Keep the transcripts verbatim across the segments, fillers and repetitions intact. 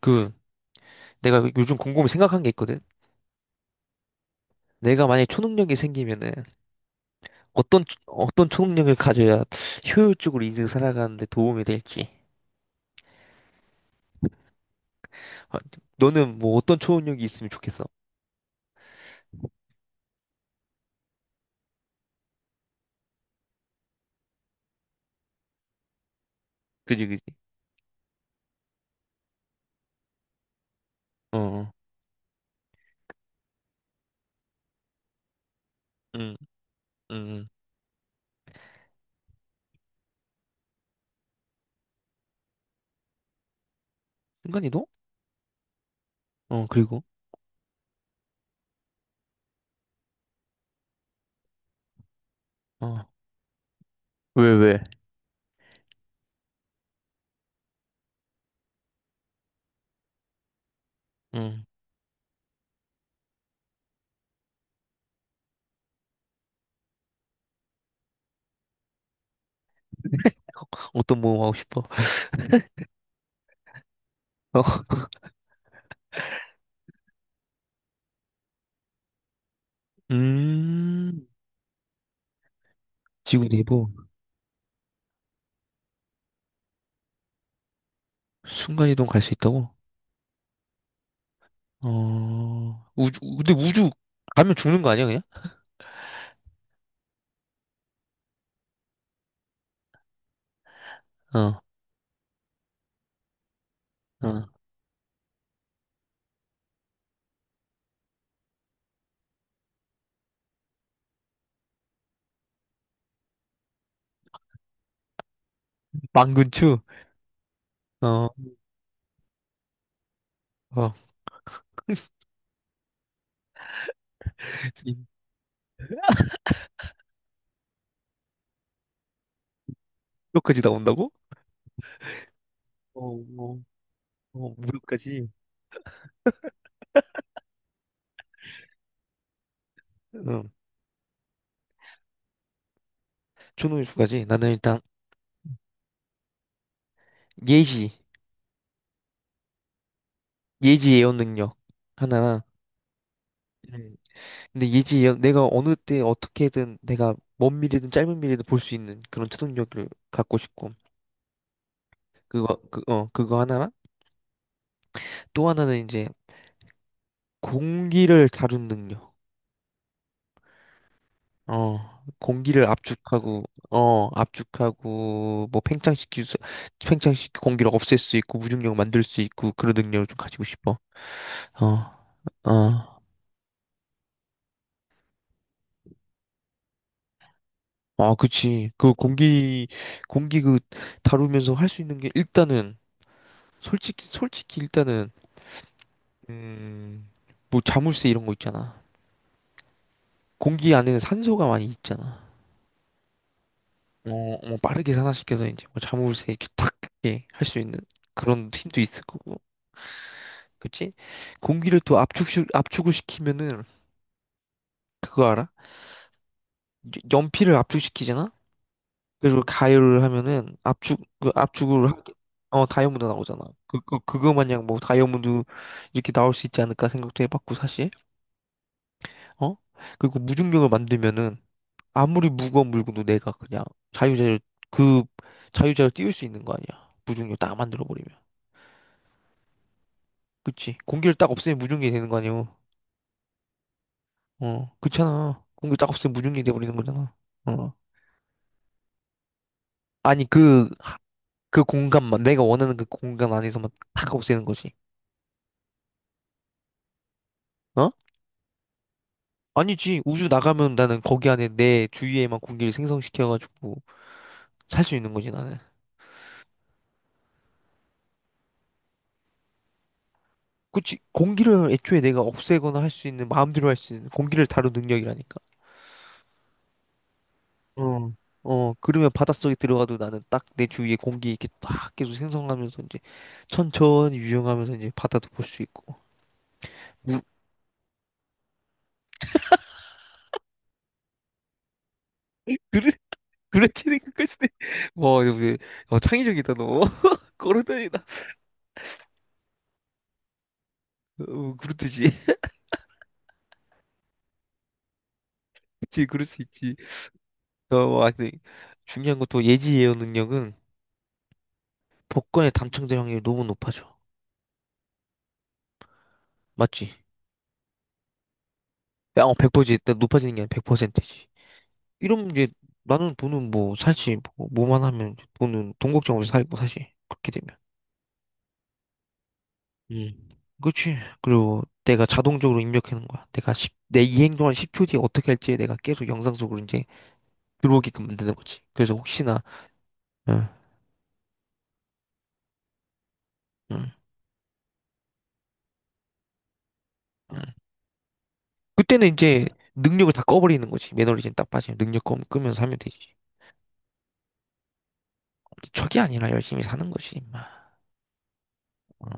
그 내가 요즘 곰곰이 생각한 게 있거든. 내가 만약에 초능력이 생기면은 어떤 초- 어떤 초능력을 가져야 효율적으로 인생 살아가는데 도움이 될지. 아, 너는 뭐 어떤 초능력이 있으면 좋겠어? 그지, 그지. 어. 어. 응. 응. 응. 순간이동? 어 그리고. 어. 왜, 왜? 응. 어떤 모험 하고 싶어? 어. 음. 지구 내부. 순간이동 갈 수 있다고? 어. 우주, 근데 우주 가면 죽는 거 아니야 그냥? 어. 어. 망근추? 어. 어. 무역까지 나온다고? 어, 어, 어, 무역까지. 응. 초능력까지. 나는 일단 예지, 예지 예언 능력 하나랑. 음. 근데 예지 예언, 내가 어느 때 어떻게든 내가 먼 미래든 짧은 미래든 볼 수 있는 그런 초능력을 갖고 싶고. 그거, 그, 어, 그거 하나랑 또 하나는 이제 공기를 다룬 능력. 어, 공기를 압축하고, 어, 압축하고, 뭐, 팽창시킬 수, 팽창시키고 공기를 없앨 수 있고, 무중력 만들 수 있고, 그런 능력을 좀 가지고 싶어. 어, 어. 아, 그치. 그 공기, 공기 그 다루면서 할 수 있는 게 일단은, 솔직히, 솔직히 일단은, 음, 뭐, 자물쇠 이런 거 있잖아. 공기 안에는 산소가 많이 있잖아. 어, 어, 빠르게 산화시켜서 이제 뭐 자물쇠 이렇게 탁, 이렇게 할 수 있는 그런 힘도 있을 거고. 그치? 공기를 또 압축시, 압축을 시키면은 그거 알아? 연- 연필을 압축시키잖아? 그리고 가열을 하면은 압축, 그 압축을 하, 어, 다이아몬드 나오잖아. 그, 그, 그거 마냥 뭐 다이아몬드 이렇게 나올 수 있지 않을까 생각도 해봤고, 사실. 어? 그리고 무중력을 만들면은 아무리 무거운 물건도 내가 그냥 자유자재, 그 자유자재로 띄울 수 있는 거 아니야. 무중력 딱 만들어버리면. 그치? 공기를 딱 없애면 무중력이 되는 거 아니야. 어, 그렇잖아. 공기 딱 없으면 무중력이 돼버리는 거잖아. 어. 아니 그 그 공간만 내가 원하는 그 공간 안에서만 탁 없애는 거지. 어? 아니지, 우주 나가면 나는 거기 안에 내 주위에만 공기를 생성시켜가지고 살 수 있는 거지 나는. 그치, 공기를 애초에 내가 없애거나 할 수 있는 마음대로 할 수 있는 공기를 다룬 능력이라니까. 어, 어, 그러면 바닷속에 들어가도 나는 딱 내 주위에 공기 이렇게 딱 계속 생성하면서 이제 천천히 유영하면서 이제 바다도 볼 수 있고. 뭐, 그래, 그렇게 생각할 수도. 와, 너, 왜- 어, 창의적이다 너. 걸어다니다. 어, 그렇듯이. 그치, 그럴 수 있지. 어뭐 하여튼 중요한 건 또 예지 예어 능력은 복권에 당첨될 확률이 너무 높아져. 맞지? 야, 어, 백 퍼센트지, 높아지는 게 아니라 백 퍼센트지. 이러면 이제 나는 돈은 뭐 사실 뭐, 뭐만 하면 돈은 돈 걱정 없이 살고, 사실 그렇게 되면. 음. 그치. 그리고 내가 자동적으로 입력하는 거야. 내가 십 내 이 행동한 십 초 뒤에 어떻게 할지 내가 계속 영상 속으로 이제 들어오게끔 만드는 거지. 그래서 혹시나. 응, 응, 응. 그때는 이제 능력을 다 꺼버리는 거지. 매너리즘 딱 빠지면 능력 꺼, 끄면서 하면 되지. 척이 아니라 열심히 사는 거지, 임마. 어,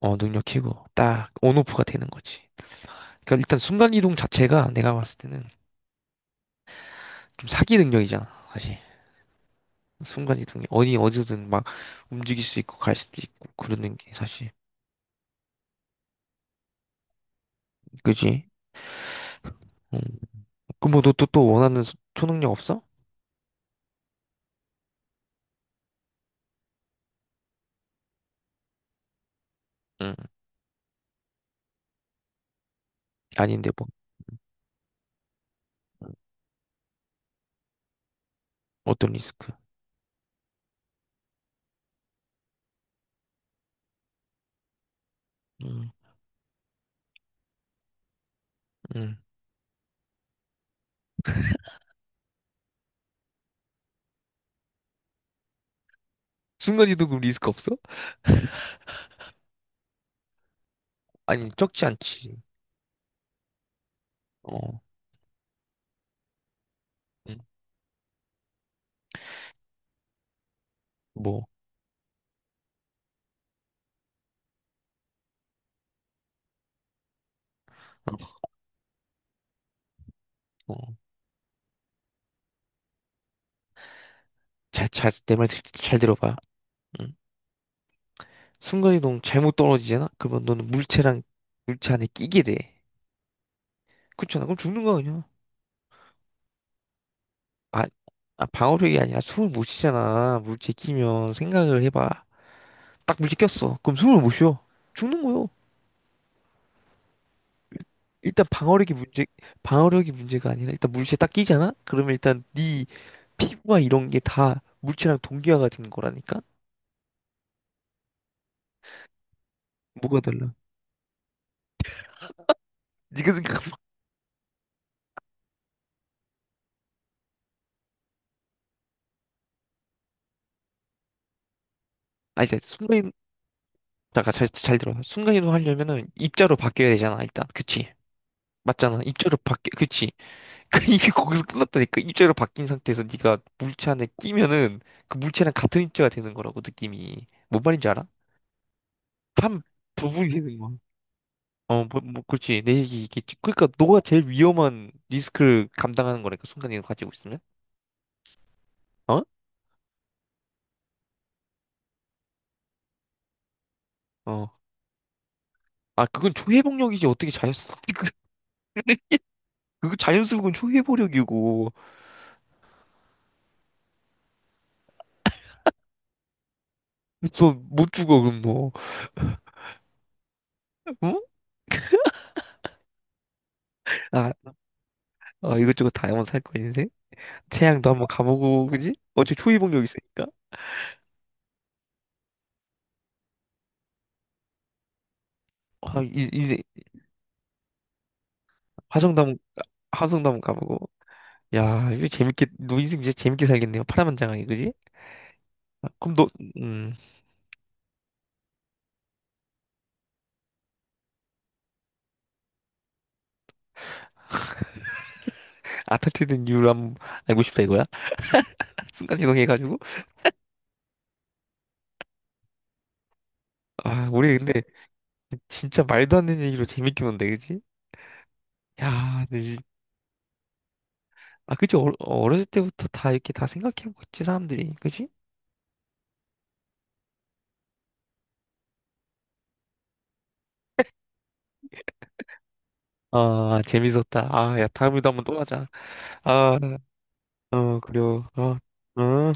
어, 능력 키고 딱 온오프가 되는 거지. 그러니까 일단 순간이동 자체가 내가 봤을 때는 좀 사기 능력이잖아, 사실. 순간이동이 어디 어디든 막 움직일 수 있고 갈 수도 있고 그러는 게 사실. 그지? 응. 그럼 뭐 너 또 또 원하는 소- 초능력 없어? 응. 아닌데, 뭐 어떤 리스크? 응. 응. 순간이동 그럼 리스크 없어? 아니 적지 않지. 어. 응. 뭐. 어, 잘, 잘, 내 말 잘 들어봐. 응. 순간이동 잘못 떨어지잖아? 그러면 너는 물체랑 물체 안에 끼게 돼. 그렇잖아. 그럼 죽는 거야, 그냥. 아, 아, 방어력이 아니라 숨을 못 쉬잖아. 물체 끼면 생각을 해봐. 딱 물체 꼈어. 그럼 숨을 못 쉬어. 죽는 거요. 일단 방어력이 문제, 방어력이 문제가 아니라 일단 물체 딱 끼잖아? 그러면 일단 네 피부와 이런 게 다 물체랑 동기화가 되는 거라니까? 뭐가 달라? 네가 생각한 아니, 순간이 잠깐 잘, 잘 들어. 순간이동 하려면은 입자로 바뀌어야 되잖아, 일단. 그치? 맞잖아. 입자로 바뀌, 그치? 그 이게 거기서 끝났다니까. 입자로 바뀐 상태에서 네가 물체 안에 끼면은 그 물체랑 같은 입자가 되는 거라고, 느낌이. 뭔 말인지 알아? 한 부분이 되는 거야. 어, 뭐, 뭐, 그렇지. 내 얘기 겠지. 그러니까 너가 제일 위험한 리스크를 감당하는 거라니까, 순간이동 가지고 있으면. 어? 어. 아, 그건 초회복력이지. 어떻게 자연스럽게. 그게- 그거 자연스러운 초회복력이고. 너 못 죽어, 그럼 너. 응? 아, 어, 이것저것 다 한번 살 거야, 인생. 태양도 한번 가보고, 그지? 어차피 초이복력 있으니까. 아, 이, 이제, 화성도 한번, 화성도 한번 가보고. 야, 이거 재밌게, 너 인생 진짜 재밌게 살겠네요. 파란만장하게, 그지? 아, 그럼 너, 음, 아타트된 이유를 한번 알고 싶다, 이거야? 순간이동해가지고. 아, 우리 근데, 진짜 말도 안 되는 얘기로 재밌게 논데, 그지? 야, 근데 이- 아, 그치? 어, 어렸을 때부터 다 이렇게 다 생각해보고 있지, 사람들이. 그지? 아, 재밌었다. 아, 야, 다음에도 한번 또 하자. 아. 어, 그래요. 아, 아.